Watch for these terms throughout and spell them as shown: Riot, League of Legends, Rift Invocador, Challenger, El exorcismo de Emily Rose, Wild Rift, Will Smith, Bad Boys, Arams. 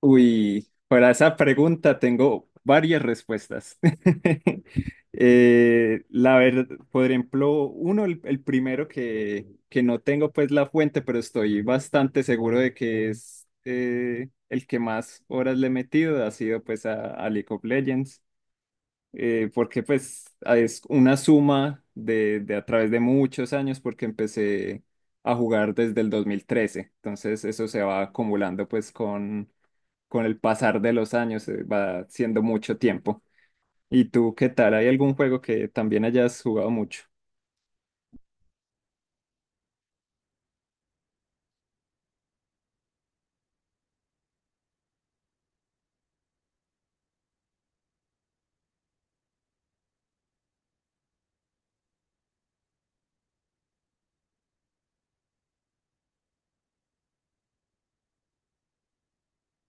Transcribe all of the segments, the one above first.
Uy, para esa pregunta tengo varias respuestas. La verdad, por ejemplo, uno, el primero que no tengo pues la fuente, pero estoy bastante seguro de que es el que más horas le he metido, ha sido pues a League of Legends, porque pues es una suma de a través de muchos años, porque empecé a jugar desde el 2013. Entonces eso se va acumulando pues con el pasar de los años, va siendo mucho tiempo. ¿Y tú qué tal? ¿Hay algún juego que también hayas jugado mucho?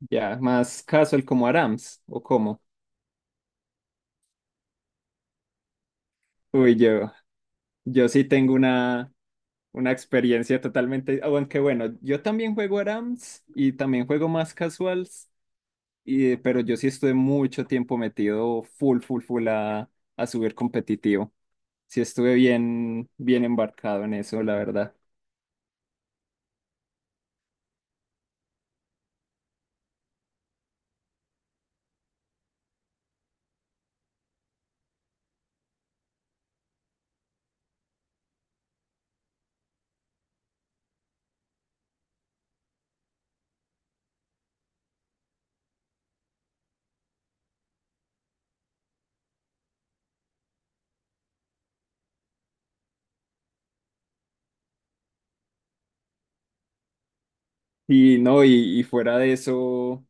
Ya, más casual como Arams o como. Uy, yo sí tengo una experiencia totalmente, aunque bueno, yo también juego Arams y también juego más casuals, pero yo sí estuve mucho tiempo metido full, full, full a subir competitivo. Sí estuve bien, bien embarcado en eso, la verdad. Y no, y fuera de eso.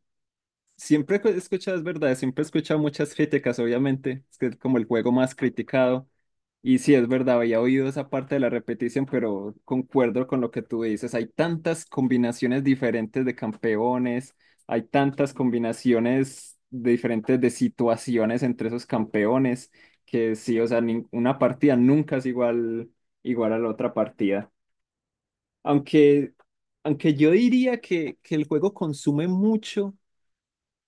Siempre he escuchado, es verdad, siempre he escuchado muchas críticas, obviamente, es que es como el juego más criticado, y sí, es verdad, había oído esa parte de la repetición, pero concuerdo con lo que tú dices, hay tantas combinaciones diferentes de campeones, hay tantas combinaciones de diferentes de situaciones entre esos campeones, que sí, o sea, una partida nunca es igual, igual a la otra partida, aunque, aunque yo diría que el juego consume mucho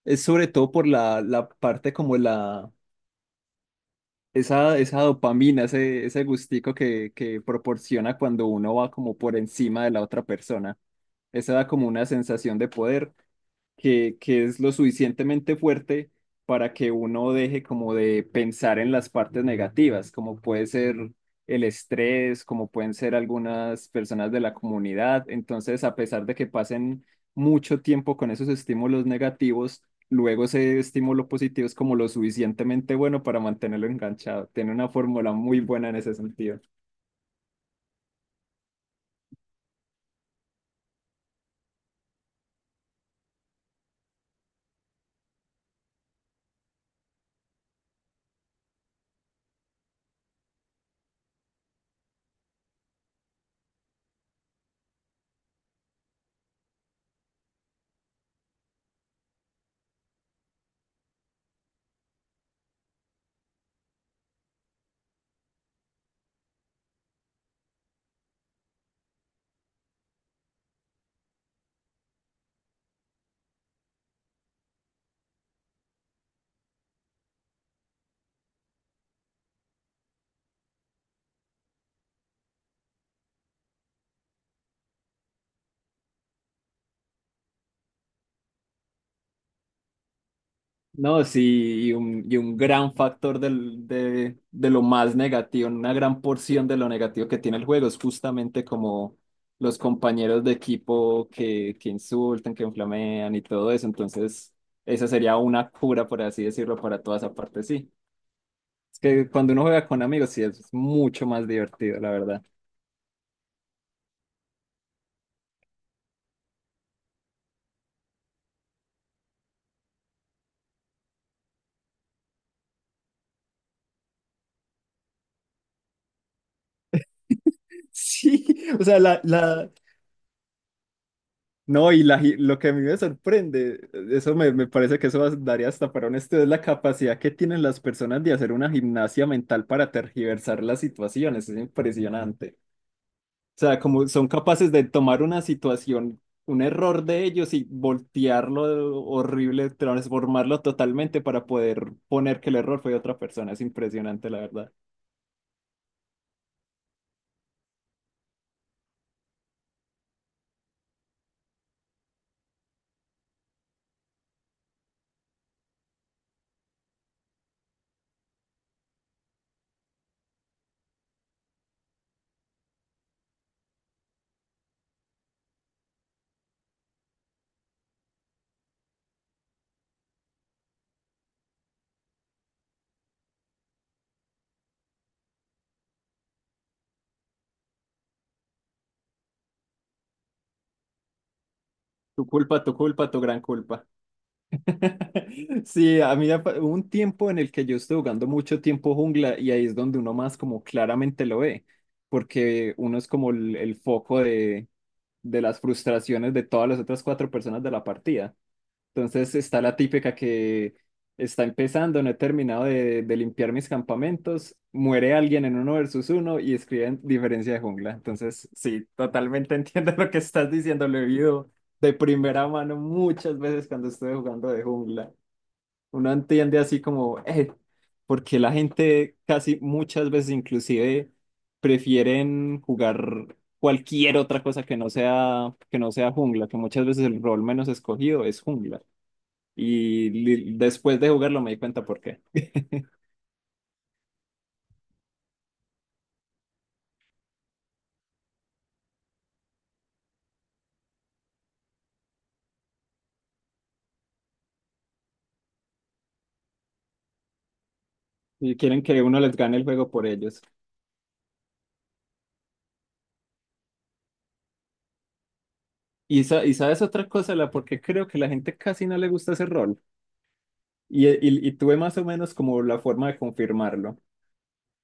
es sobre todo por la parte como esa dopamina, ese gustico que proporciona cuando uno va como por encima de la otra persona. Esa da como una sensación de poder que es lo suficientemente fuerte para que uno deje como de pensar en las partes negativas, como puede ser el estrés, como pueden ser algunas personas de la comunidad. Entonces, a pesar de que pasen mucho tiempo con esos estímulos negativos, luego ese estímulo positivo es como lo suficientemente bueno para mantenerlo enganchado. Tiene una fórmula muy buena en ese sentido. No, sí, y un gran factor de lo más negativo, una gran porción de lo negativo que tiene el juego es justamente como los compañeros de equipo que insultan, que inflamean y todo eso. Entonces, esa sería una cura, por así decirlo, para toda esa parte, sí. Es que cuando uno juega con amigos, sí, es mucho más divertido, la verdad. Sí, o sea, no, y lo que a mí me sorprende, eso me parece que daría hasta para un estudio, es la capacidad que tienen las personas de hacer una gimnasia mental para tergiversar las situaciones. Es impresionante. O sea, como son capaces de tomar una situación, un error de ellos y voltearlo horrible, transformarlo totalmente para poder poner que el error fue de otra persona. Es impresionante, la verdad. Tu culpa, tu culpa, tu gran culpa. Sí, a mí hubo un tiempo en el que yo estuve jugando mucho tiempo jungla y ahí es donde uno más como claramente lo ve, porque uno es como el foco de las frustraciones de todas las otras cuatro personas de la partida. Entonces está la típica que está empezando, no he terminado de limpiar mis campamentos, muere alguien en uno versus uno y escriben diferencia de jungla. Entonces sí, totalmente entiendo lo que estás diciendo, lo he vivido de primera mano muchas veces cuando estuve jugando de jungla. Uno entiende así como, porque la gente casi muchas veces inclusive prefieren jugar cualquier otra cosa que no sea jungla, que muchas veces el rol menos escogido es jungla. Y después de jugarlo me di cuenta por qué. Y quieren que uno les gane el juego por ellos. Y sabes otra cosa, la por qué creo que la gente casi no le gusta ese rol. Y tuve más o menos como la forma de confirmarlo.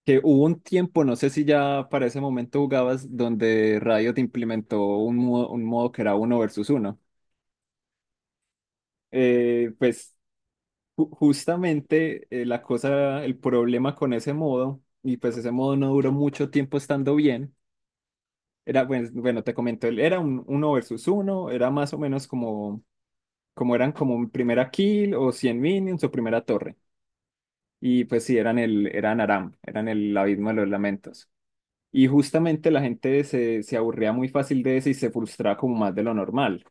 Que hubo un tiempo, no sé si ya para ese momento jugabas, donde Riot implementó un modo que era uno versus uno. Pues justamente la cosa, el problema con ese modo, y pues ese modo no duró mucho tiempo estando bien, era, pues, bueno, te comento, él era un uno versus uno, era más o menos como, eran como un primera kill o 100 minions o primera torre. Y pues sí, eran Aram, eran el abismo de los lamentos. Y justamente la gente se aburría muy fácil de eso y se frustraba como más de lo normal.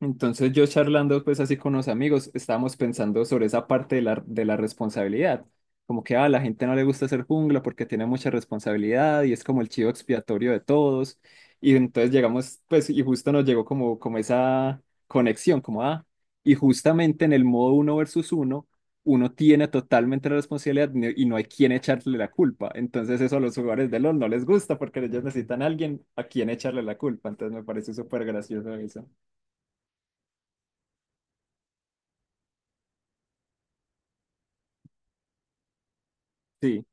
Entonces yo charlando pues así con unos amigos, estábamos pensando sobre esa parte de la responsabilidad, como que a la gente no le gusta ser jungla porque tiene mucha responsabilidad y es como el chivo expiatorio de todos. Y entonces llegamos pues y justo nos llegó como esa conexión, como ah, y justamente en el modo uno versus uno, uno tiene totalmente la responsabilidad y no hay quien echarle la culpa. Entonces eso a los jugadores de LoL no les gusta porque ellos necesitan a alguien a quien echarle la culpa. Entonces me parece súper gracioso eso. Sí.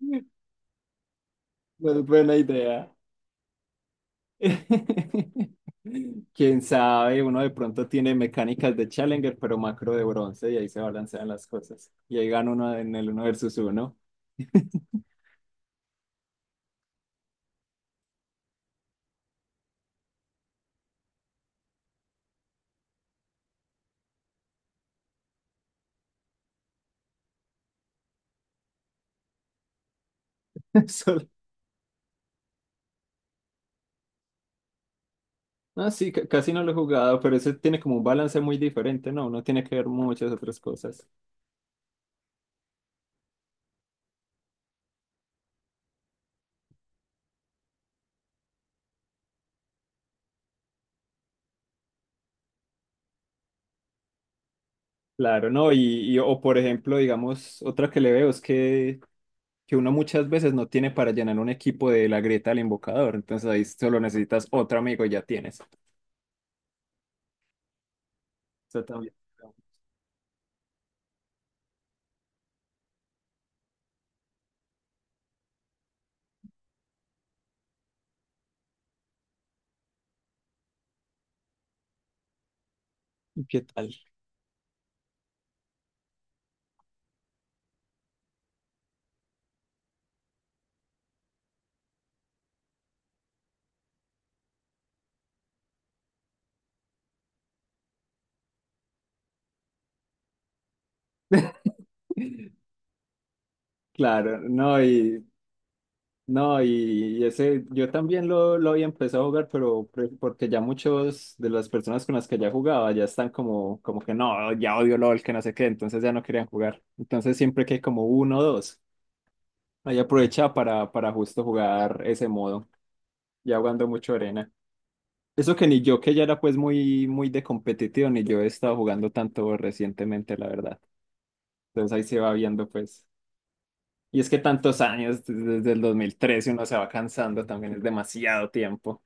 No es buena idea. Quién sabe, uno de pronto tiene mecánicas de Challenger, pero macro de bronce, y ahí se balancean las cosas. Y ahí gana uno en el uno versus uno. Solo- No, sí, casi no lo he jugado, pero ese tiene como un balance muy diferente, ¿no? Uno tiene que ver muchas otras cosas. Claro, ¿no? O por ejemplo, digamos, otra que le veo es que uno muchas veces no tiene para llenar un equipo de la grieta del invocador, entonces ahí solo necesitas otro amigo y ya tienes. Eso también. Claro, no, y no, yo también lo había empezado a jugar, pero porque ya muchos de las personas con las que ya jugaba ya están como que no, ya odio LOL, que no sé qué, entonces ya no querían jugar. Entonces siempre que hay como uno o dos, ahí aprovechaba para justo jugar ese modo, ya jugando mucho arena. Eso que ni yo, que ya era pues muy, muy de competitivo, ni yo he estado jugando tanto recientemente, la verdad. Entonces ahí se va viendo pues. Y es que tantos años, desde el 2013 uno se va cansando, también es demasiado tiempo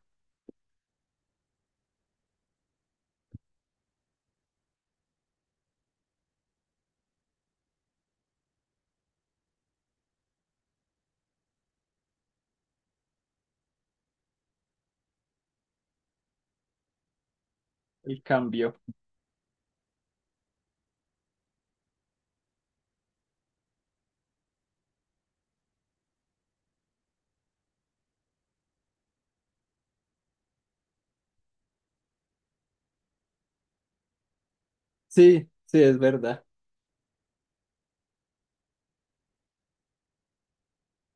el cambio. Sí, sí, es verdad.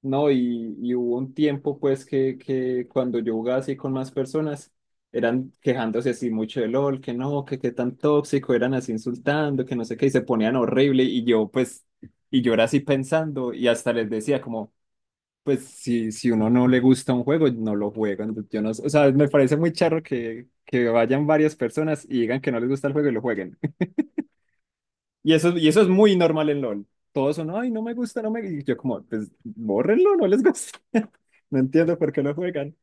No, y hubo un tiempo pues que cuando yo jugaba así con más personas, eran quejándose así mucho de LOL, que no, que qué tan tóxico, eran así insultando, que no sé qué, y se ponían horrible, y yo pues, y yo era así pensando, y hasta les decía como, pues si uno no le gusta un juego, no lo juega. Entonces, yo no sé, o sea, me parece muy charro que vayan varias personas y digan que no les gusta el juego y lo jueguen. Y eso es muy normal en LOL. Todos son, ay, no me gusta, no me... Y yo como, pues, bórrenlo, no les gusta. No entiendo por qué lo juegan.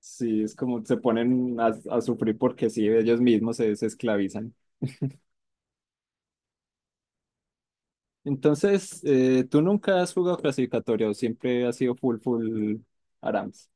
Sí, es como se ponen a sufrir porque sí, ellos mismos se esclavizan. Entonces, ¿tú nunca has jugado clasificatoria o siempre has sido full, full ARAMS?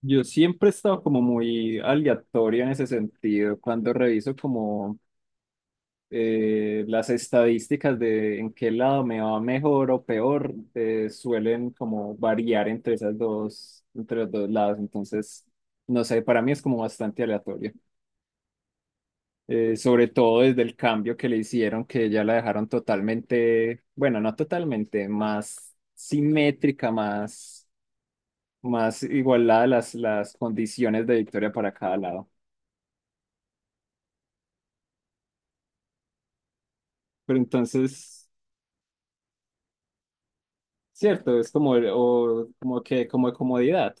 Yo siempre he estado como muy aleatorio en ese sentido. Cuando reviso como las estadísticas de en qué lado me va mejor o peor, suelen como variar entre esas dos, entre los dos lados. Entonces, no sé, para mí es como bastante aleatorio. Sobre todo desde el cambio que le hicieron, que ya la dejaron totalmente, bueno, no totalmente, más simétrica, más igualada las condiciones de victoria para cada lado. Pero entonces, cierto, es como, o, como que, como de comodidad.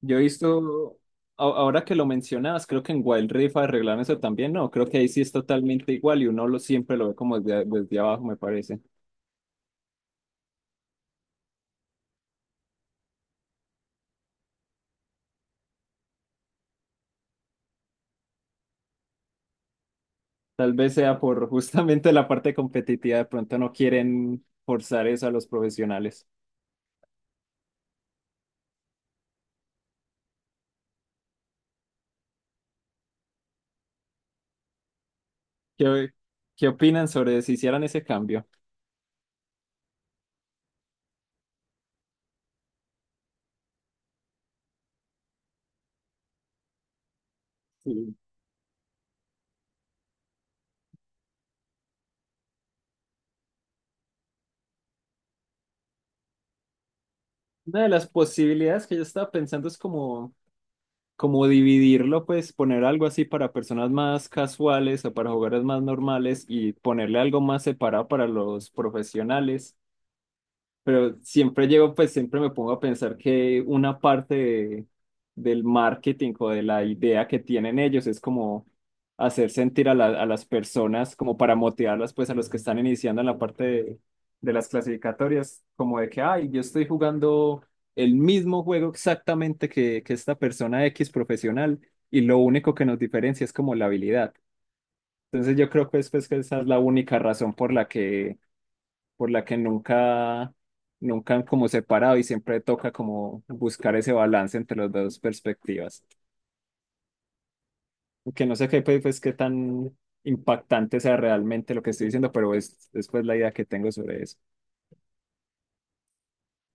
Yo he visto, ahora que lo mencionabas, creo que en Wild Rift arreglaron eso también, no, creo que ahí sí es totalmente igual y uno siempre lo ve como desde, abajo, me parece. Tal vez sea por justamente la parte competitiva, de pronto no quieren forzar eso a los profesionales. ¿Qué, qué opinan sobre si hicieran ese cambio? Sí. Una de las posibilidades que yo estaba pensando es como dividirlo, pues poner algo así para personas más casuales o para jugadores más normales y ponerle algo más separado para los profesionales. Pero siempre llego, pues siempre me pongo a pensar que una parte del marketing o de la idea que tienen ellos es como hacer sentir a las personas, como para motivarlas, pues a los que están iniciando en la parte de las clasificatorias, como de que, ay, yo estoy jugando el mismo juego exactamente que esta persona X profesional y lo único que nos diferencia es como la habilidad. Entonces yo creo que es, pues, que esa es la única razón por la que nunca han como separado y siempre toca como buscar ese balance entre las dos perspectivas. Que no sé qué, pues, qué tan impactante sea realmente lo que estoy diciendo, pero es pues la idea que tengo sobre eso.